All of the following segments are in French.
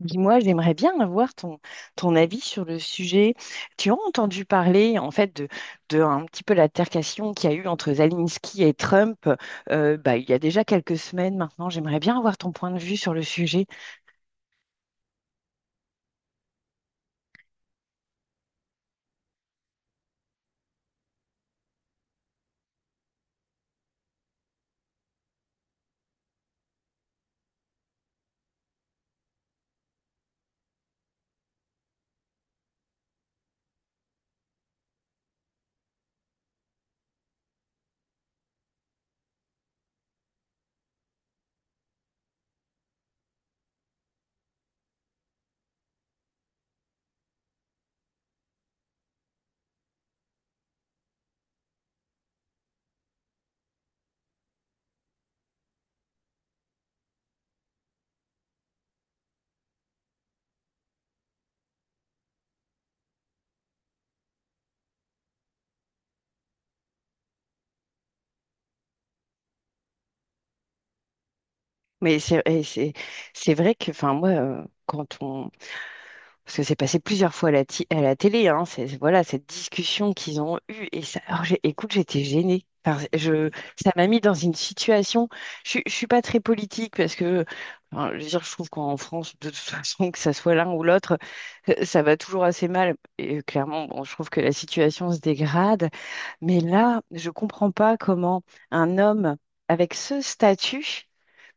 Dis-moi, j'aimerais bien avoir ton avis sur le sujet. Tu as entendu parler en fait de un petit peu l'altercation qu'il y a eu entre Zelensky et Trump il y a déjà quelques semaines maintenant. J'aimerais bien avoir ton point de vue sur le sujet. Mais c'est vrai que enfin moi, parce que c'est passé plusieurs fois à la, à la télé, hein, c'est, voilà, cette discussion qu'ils ont eue. Et ça, alors écoute, j'étais gênée. Ça m'a mis dans une situation. Je ne suis pas très politique parce que enfin, je veux dire, je trouve qu'en France, de toute façon, que ça soit l'un ou l'autre, ça va toujours assez mal. Et clairement, bon, je trouve que la situation se dégrade. Mais là, je ne comprends pas comment un homme avec ce statut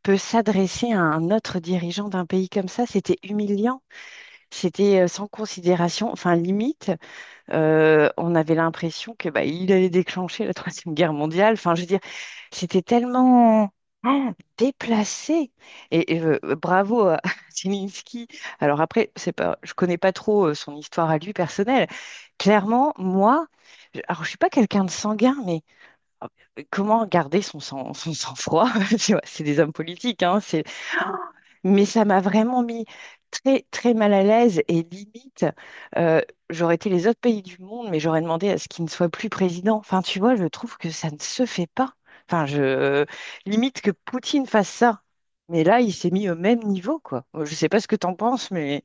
peut s'adresser à un autre dirigeant d'un pays comme ça. C'était humiliant. C'était sans considération, enfin limite, on avait l'impression que bah, il allait déclencher la Troisième Guerre mondiale. Enfin, je veux dire, c'était tellement ah, déplacé. Et bravo à Zelensky. Alors après, c'est pas, je connais pas trop son histoire à lui personnelle. Clairement, moi, alors je suis pas quelqu'un de sanguin, mais comment garder son sang, son sang-froid? Tu vois, c'est des hommes politiques, hein, mais ça m'a vraiment mis très, très mal à l'aise et limite, euh, j'aurais été les autres pays du monde, mais j'aurais demandé à ce qu'il ne soit plus président. Enfin, tu vois, je trouve que ça ne se fait pas. Enfin, je limite que Poutine fasse ça. Mais là, il s'est mis au même niveau, quoi. Bon, je ne sais pas ce que t'en penses, mais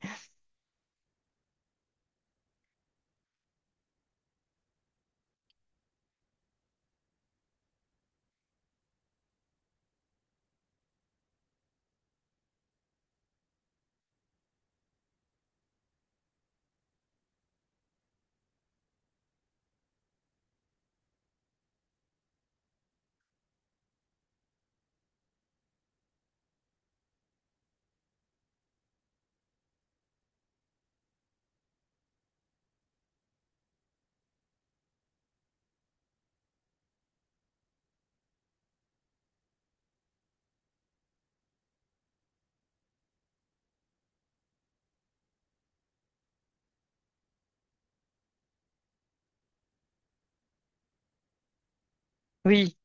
oui,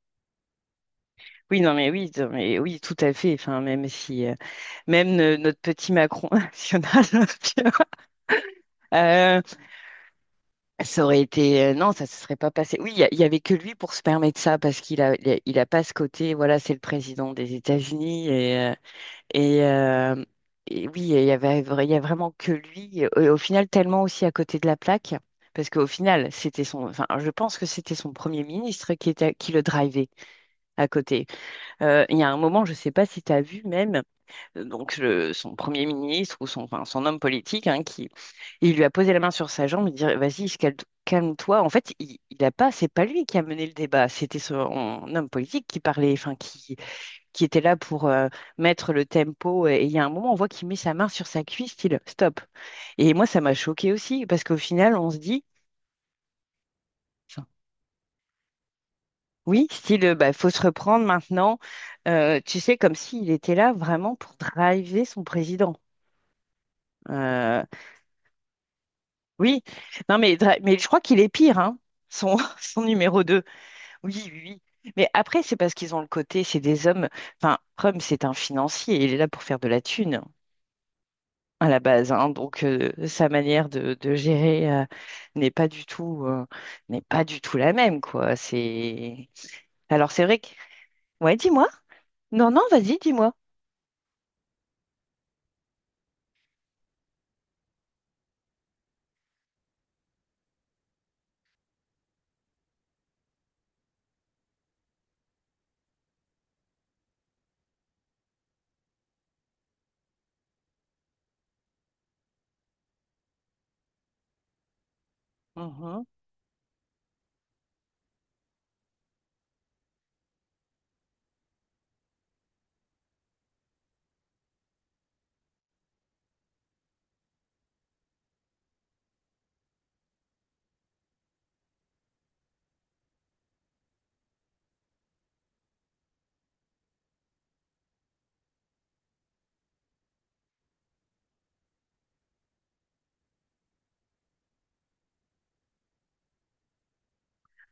oui, non, mais oui, non, mais oui, tout à fait. Enfin, même si, même notre petit Macron national, tu vois. Euh, Ça aurait été... non, ça se serait pas passé. Oui, il y avait que lui pour se permettre ça, parce qu'il a pas ce côté, voilà, c'est le président des États-Unis, et, euh, et oui, il y a vraiment que lui, et au final, tellement aussi à côté de la plaque, parce qu'au final, c'était son... Enfin, je pense que c'était son premier ministre qui était, qui le drivait à côté. Il y a un moment, je sais pas si tu as vu même, donc son premier ministre ou son, enfin, son homme politique, hein, qui il lui a posé la main sur sa jambe, il dit: Vas-y, calme-toi. En fait, il a pas, c'est pas lui qui a mené le débat, c'était son homme politique qui parlait, enfin, qui était là pour mettre le tempo. Et il y a un moment, on voit qu'il met sa main sur sa cuisse, style stop. Et moi, ça m'a choqué aussi, parce qu'au final, on se dit. Enfin, oui, style, bah, faut se reprendre maintenant. Tu sais, comme s'il était là vraiment pour driver son président. Euh, Oui, non mais, mais je crois qu'il est pire, hein, son, son numéro 2. Oui, oui, oui. Mais après, c'est parce qu'ils ont le côté, c'est des hommes. Enfin, Rome, c'est un financier, il est là pour faire de la thune hein, à la base, hein. Donc sa manière de gérer n'est pas du tout, n'est pas du tout la même, quoi. C'est Alors c'est vrai que ouais, dis-moi. Non, non, vas-y, dis-moi.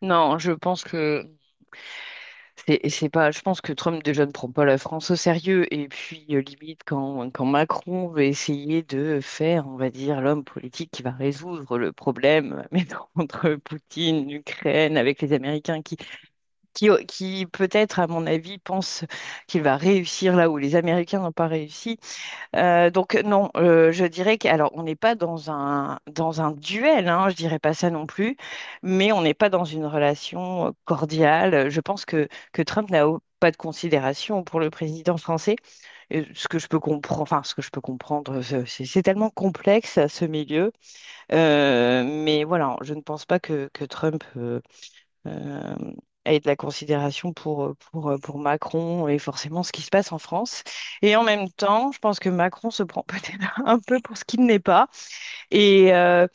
Non, je pense que c'est pas. Je pense que Trump déjà ne prend pas la France au sérieux. Et puis limite quand Macron veut essayer de faire, on va dire, l'homme politique qui va résoudre le problème, mais non, entre Poutine, l'Ukraine, avec les Américains qui peut-être à mon avis pense qu'il va réussir là où les Américains n'ont pas réussi. Donc non, je dirais que alors on n'est pas dans un duel, hein, je dirais pas ça non plus, mais on n'est pas dans une relation cordiale. Je pense que Trump n'a pas de considération pour le président français. Ce que je peux comprendre, enfin ce que je peux comprendre, c'est tellement complexe ce milieu. Mais voilà, je ne pense pas que Trump euh, et de la considération pour, pour Macron et forcément ce qui se passe en France. Et en même temps, je pense que Macron se prend peut-être un peu pour ce qu'il n'est pas et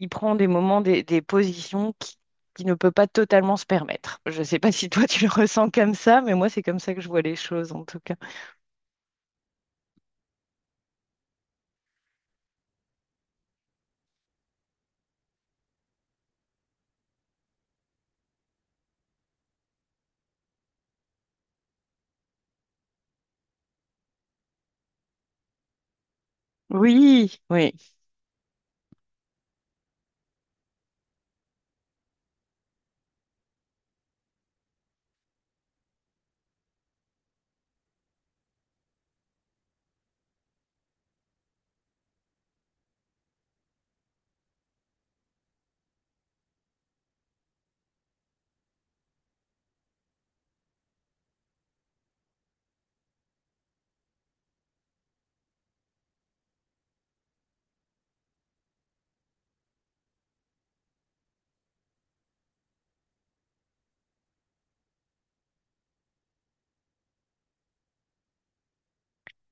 il prend des moments, des positions qui ne peut pas totalement se permettre. Je ne sais pas si toi tu le ressens comme ça, mais moi c'est comme ça que je vois les choses en tout cas. Oui, oui.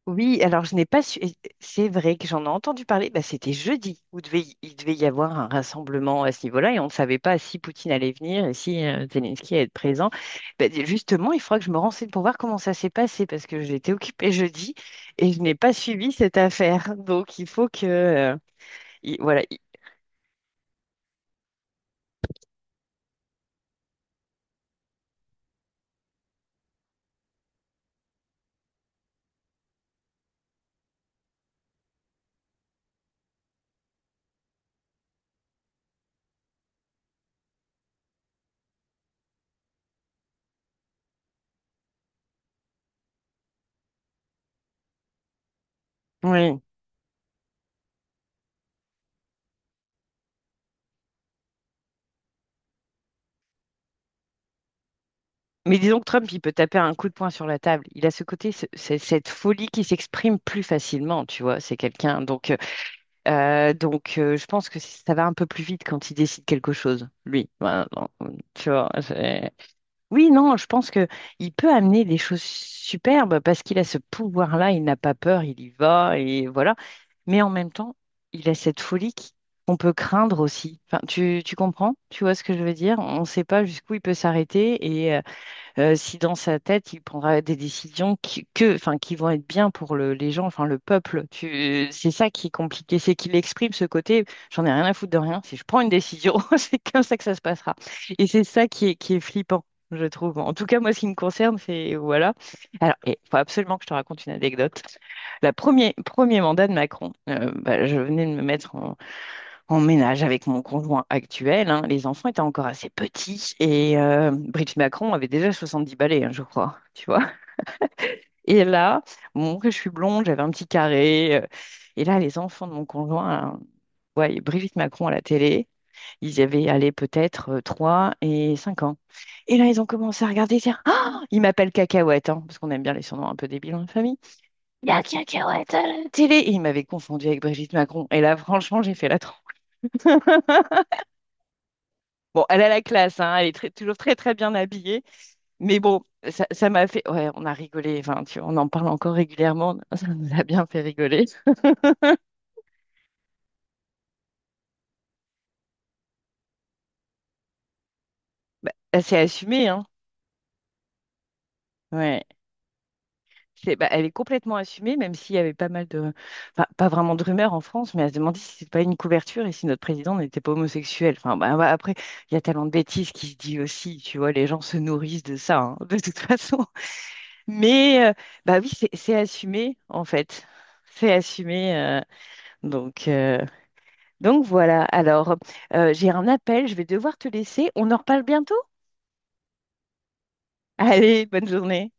Oui, alors je n'ai pas su. Et c'est vrai que j'en ai entendu parler. Bah, c'était jeudi où devait y- il devait y avoir un rassemblement à ce niveau-là et on ne savait pas si Poutine allait venir et si Zelensky allait être présent. Bah, justement, il faudra que je me renseigne pour voir comment ça s'est passé parce que j'étais occupée jeudi et je n'ai pas suivi cette affaire. Donc il faut que voilà. Oui. Mais disons que Trump, il peut taper un coup de poing sur la table. Il a ce côté, cette folie qui s'exprime plus facilement, tu vois. C'est quelqu'un. Donc, je pense que ça va un peu plus vite quand il décide quelque chose, lui. Voilà, non, tu vois, oui, non, je pense que il peut amener des choses superbes parce qu'il a ce pouvoir-là, il n'a pas peur, il y va et voilà. Mais en même temps, il a cette folie qu'on peut craindre aussi. Enfin, tu comprends? Tu vois ce que je veux dire? On ne sait pas jusqu'où il peut s'arrêter si dans sa tête, il prendra des décisions enfin, qui vont être bien pour les gens, enfin, le peuple. C'est ça qui est compliqué, c'est qu'il exprime ce côté, j'en ai rien à foutre de rien. Si je prends une décision, c'est comme ça que ça se passera. Et c'est ça qui est flippant, je trouve. En tout cas, moi, ce qui me concerne, c'est voilà. Alors, il faut absolument que je te raconte une anecdote. La premier, premier mandat de Macron, bah, je venais de me mettre en ménage avec mon conjoint actuel. Hein. Les enfants étaient encore assez petits et Brigitte Macron avait déjà 70 balais, hein, je crois, tu vois. Et là, bon, que je suis blonde, j'avais un petit carré. Et là, les enfants de mon conjoint, hein, ouais, Brigitte Macron à la télé, ils avaient allé peut-être 3 et 5 ans. Et là, ils ont commencé à regarder, dire, ah, ils m'appellent Cacahuète, hein, parce qu'on aime bien les surnoms un peu débiles dans la famille. Il y a Cacahuète à la télé. Et ils m'avaient confondu avec Brigitte Macron. Et là, franchement, j'ai fait la... Bon, elle a la classe, hein, elle est toujours très très bien habillée, mais bon, ça m'a fait, ouais, on a rigolé, enfin, tu vois, on en parle encore régulièrement, ça nous a bien fait rigoler. Elle s'est assumée, hein, ouais, c'est, bah, elle est complètement assumée, même s'il y avait pas mal de, enfin, pas vraiment de rumeurs en France, mais elle se demandait si c'était pas une couverture et si notre président n'était pas homosexuel. Enfin, bah, bah, après, il y a tellement de bêtises qui se dit aussi, tu vois, les gens se nourrissent de ça, hein, de toute façon. Mais, bah oui, c'est assumé, en fait, c'est assumé. Donc, euh, Donc voilà, alors j'ai un appel, je vais devoir te laisser. On en reparle bientôt? Allez, bonne journée.